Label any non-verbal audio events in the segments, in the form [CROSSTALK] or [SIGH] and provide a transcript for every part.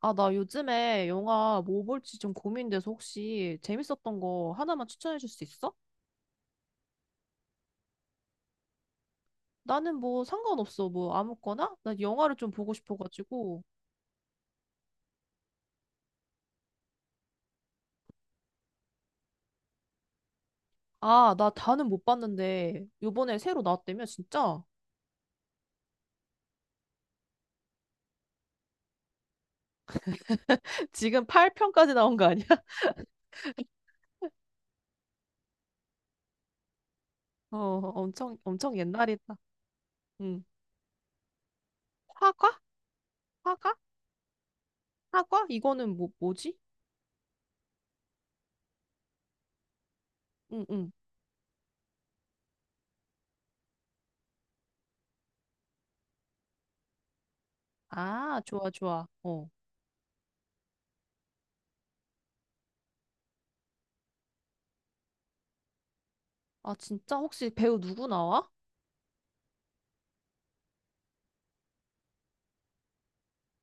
아, 나 요즘에 영화 뭐 볼지 좀 고민돼서 혹시 재밌었던 거 하나만 추천해 줄 수 있어? 나는 뭐 상관없어. 뭐 아무거나? 나 영화를 좀 보고 싶어가지고. 아, 나 다는 못 봤는데 요번에 새로 나왔다며 진짜? [LAUGHS] 지금 8편까지 나온 거 아니야? [LAUGHS] 어, 엄청 엄청 옛날이다. 응. 화과? 화과? 화과? 이거는 뭐지? 응, 응. 아, 좋아, 좋아. 어. 아, 진짜 혹시 배우 누구 나와?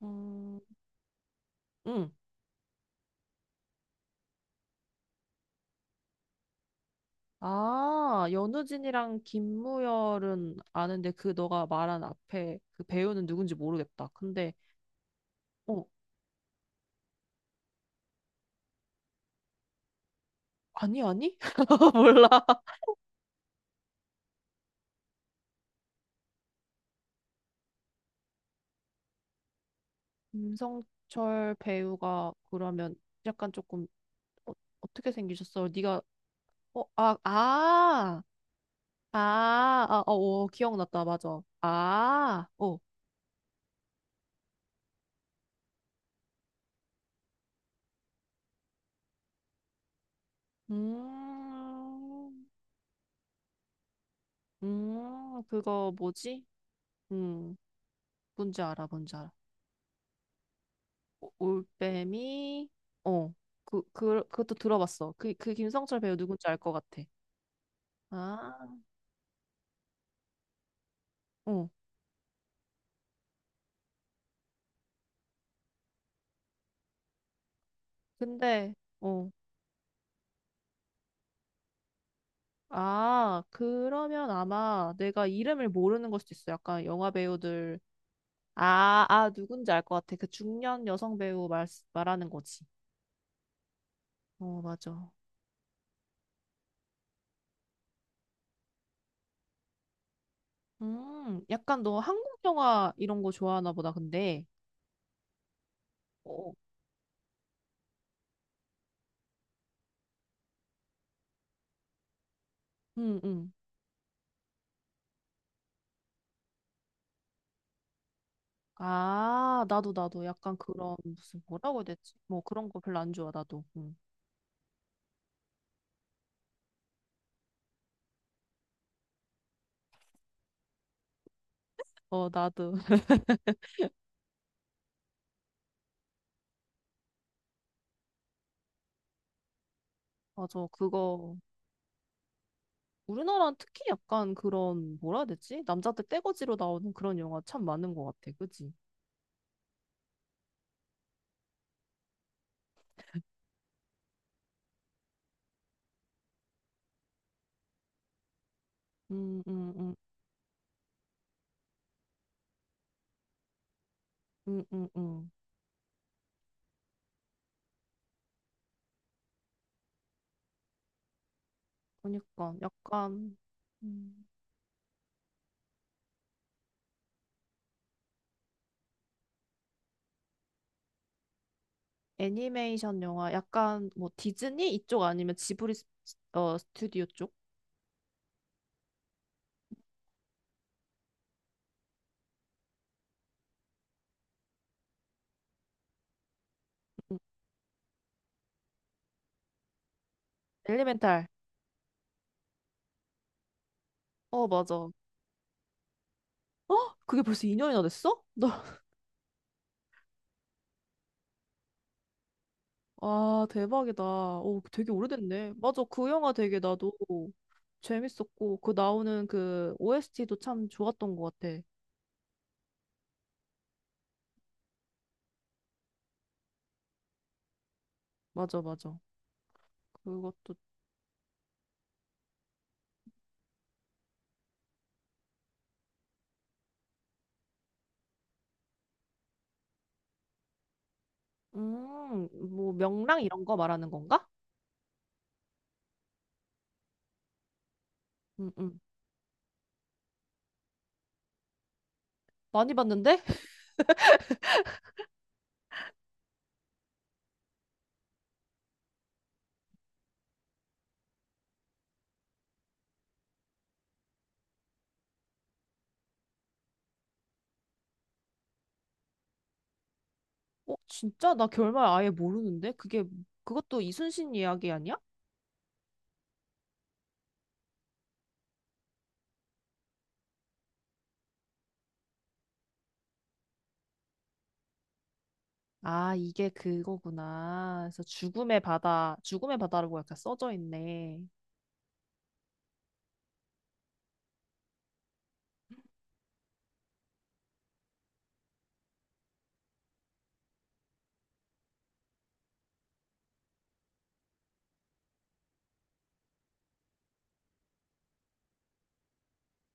음, 응. 아, 연우진이랑 김무열은 아는데 그 너가 말한 앞에 그 배우는 누군지 모르겠다. 근데 어, 아니 아니? [LAUGHS] 몰라. 김성철 배우가 그러면 약간 조금 어, 어떻게 생기셨어? 네가 어, 아, 아. 아, 아, 어, 어, 기억났다. 맞아. 아, 어. 음. 그거 뭐지? 음. 뭔지 알아, 뭔지 알아. 올빼미. 어, 그것도 들어봤어. 그 김성철 배우 누군지 알 것 같아. 아, 어. 근데 어, 아, 그러면 아마 내가 이름을 모르는 걸 수도 있어. 약간 영화 배우들. 아아, 누군지 알 것 같아. 그 중년 여성 배우 말 말하는 거지. 어, 맞아. 음, 약간 너 한국 영화 이런 거 좋아하나 보다. 근데 어, 응, 응. 아, 나도, 나도. 약간 그런, 무슨, 뭐라고 해야 되지? 뭐 그런 거 별로 안 좋아, 나도. 응. 어, 나도. [LAUGHS] 맞아, 그거. 우리나라는 특히 약간 그런, 뭐라 해야 되지? 남자들 떼거지로 나오는 그런 영화 참 많은 것 같아. 그지? 음, 음, 음, 음, 음, 음. 그러니까 약간 음, 애니메이션 영화, 약간 뭐 디즈니 이쪽 아니면 지브리 스튜디오 쪽? 음, 엘리멘탈. 어, 맞아. 어? 그게 벌써 2년이나 됐어? 나 아, 대박이다. 오, 되게 오래됐네. 맞아, 그 영화 되게 나도 재밌었고, 그 나오는 그 OST도 참 좋았던 것 같아. 맞아, 맞아. 그것도, 음, 뭐, 명랑 이런 거 말하는 건가? 음, 음. 많이 봤는데? 어, 진짜? 나 결말 아예 모르는데? 그게, 그것도 이순신 이야기 아니야? 아, 이게 그거구나. 그래서 죽음의 바다, 죽음의 바다라고 약간 써져 있네.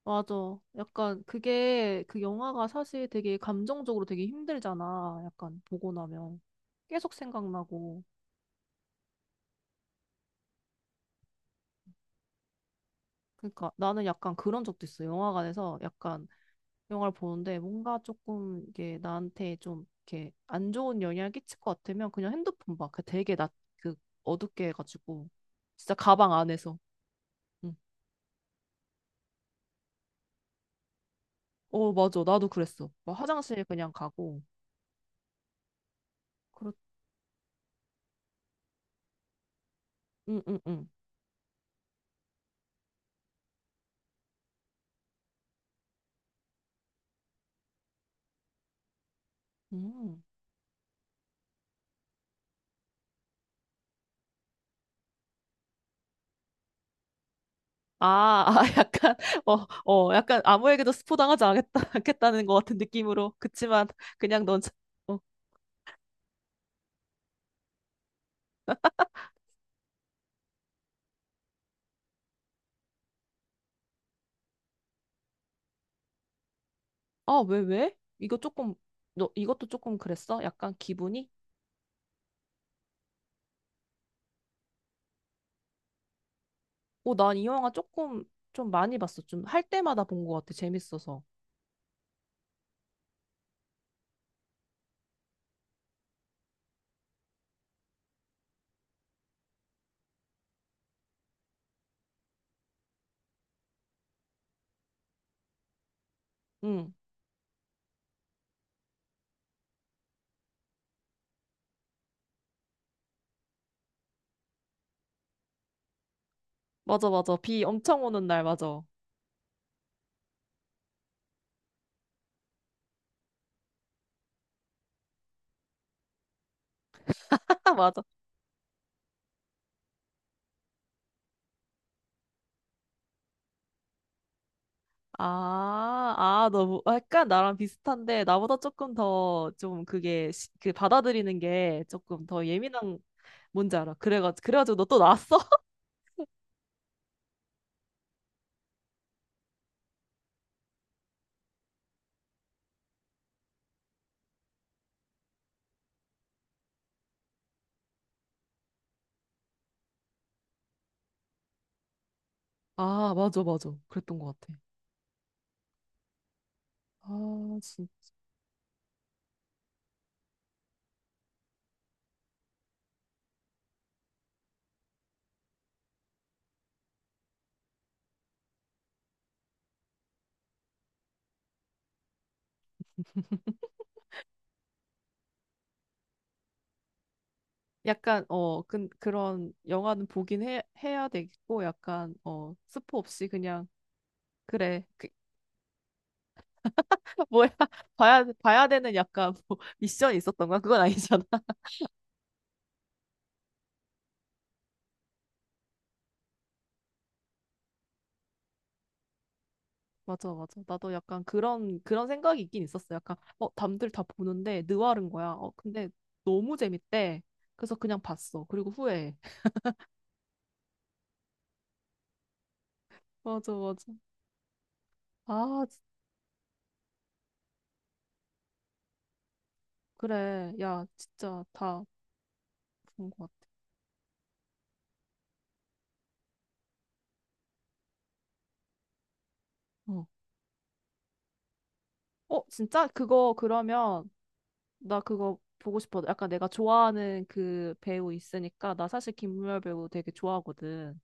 맞아. 약간 그게 그 영화가 사실 되게 감정적으로 되게 힘들잖아. 약간 보고 나면 계속 생각나고. 그러니까 나는 약간 그런 적도 있어. 영화관에서 약간 영화를 보는데 뭔가 조금 이게 나한테 좀 이렇게 안 좋은 영향을 끼칠 것 같으면 그냥 핸드폰 봐. 그 되게 낮, 그, 어둡게 해가지고 진짜 가방 안에서. 응. 어, 맞아. 나도 그랬어. 막 화장실 그냥 가고. 그렇. 응응응. 음. 아, 아, [LAUGHS] 약간, 어, 어, 약간 아무에게도 스포 당하지 않겠다, [LAUGHS] 않겠다는 것 같은 느낌으로. 그치만, 그냥 넌. 어, 아, 왜, 왜? 이거 조금, 너, 이것도 조금 그랬어? 약간 기분이? 어, 난 이 영화 조금, 좀 많이 봤어. 좀 할 때마다 본 것 같아. 재밌어서. 응, 맞아, 맞아. 비 엄청 오는 날, 맞아. [LAUGHS] 맞아. 아, 아, 너무, 아, 약간 나랑 비슷한데, 나보다 조금 더, 좀 그게, 그 받아들이는 게 조금 더 예민한, 뭔지 알아. 그래가지고 너 또 나왔어? 아, 맞아, 맞아. 그랬던 것 같아. 아, 진 약간, 어, 그, 그런 영화는 보긴 해, 해야 되겠고, 약간, 어, 스포 없이 그냥, 그래. 그, [LAUGHS] 뭐야. 봐야, 봐야 되는 약간, 뭐, [LAUGHS] 미션이 있었던 거야? 그건 아니잖아. [LAUGHS] 맞아, 맞아. 나도 약간 그런, 그런 생각이 있긴 있었어. 약간, 어, 남들 다 보는데, 느와르인 거야. 어, 근데 너무 재밌대. 그래서 그냥 봤어. 그리고 후회해. [LAUGHS] 맞아, 맞아. 아. 그래. 야, 진짜 다 본 것 같아. 어. 어, 진짜? 그거 그러면 나 그거 보고 싶어. 약간 내가 좋아하는 그 배우 있으니까 나 사실 김무열 배우 되게 좋아하거든.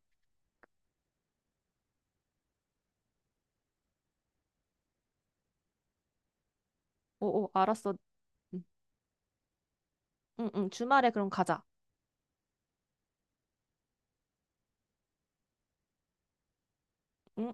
어, 어, 알았어. 응, 응, 응. 주말에 그럼 가자. 응.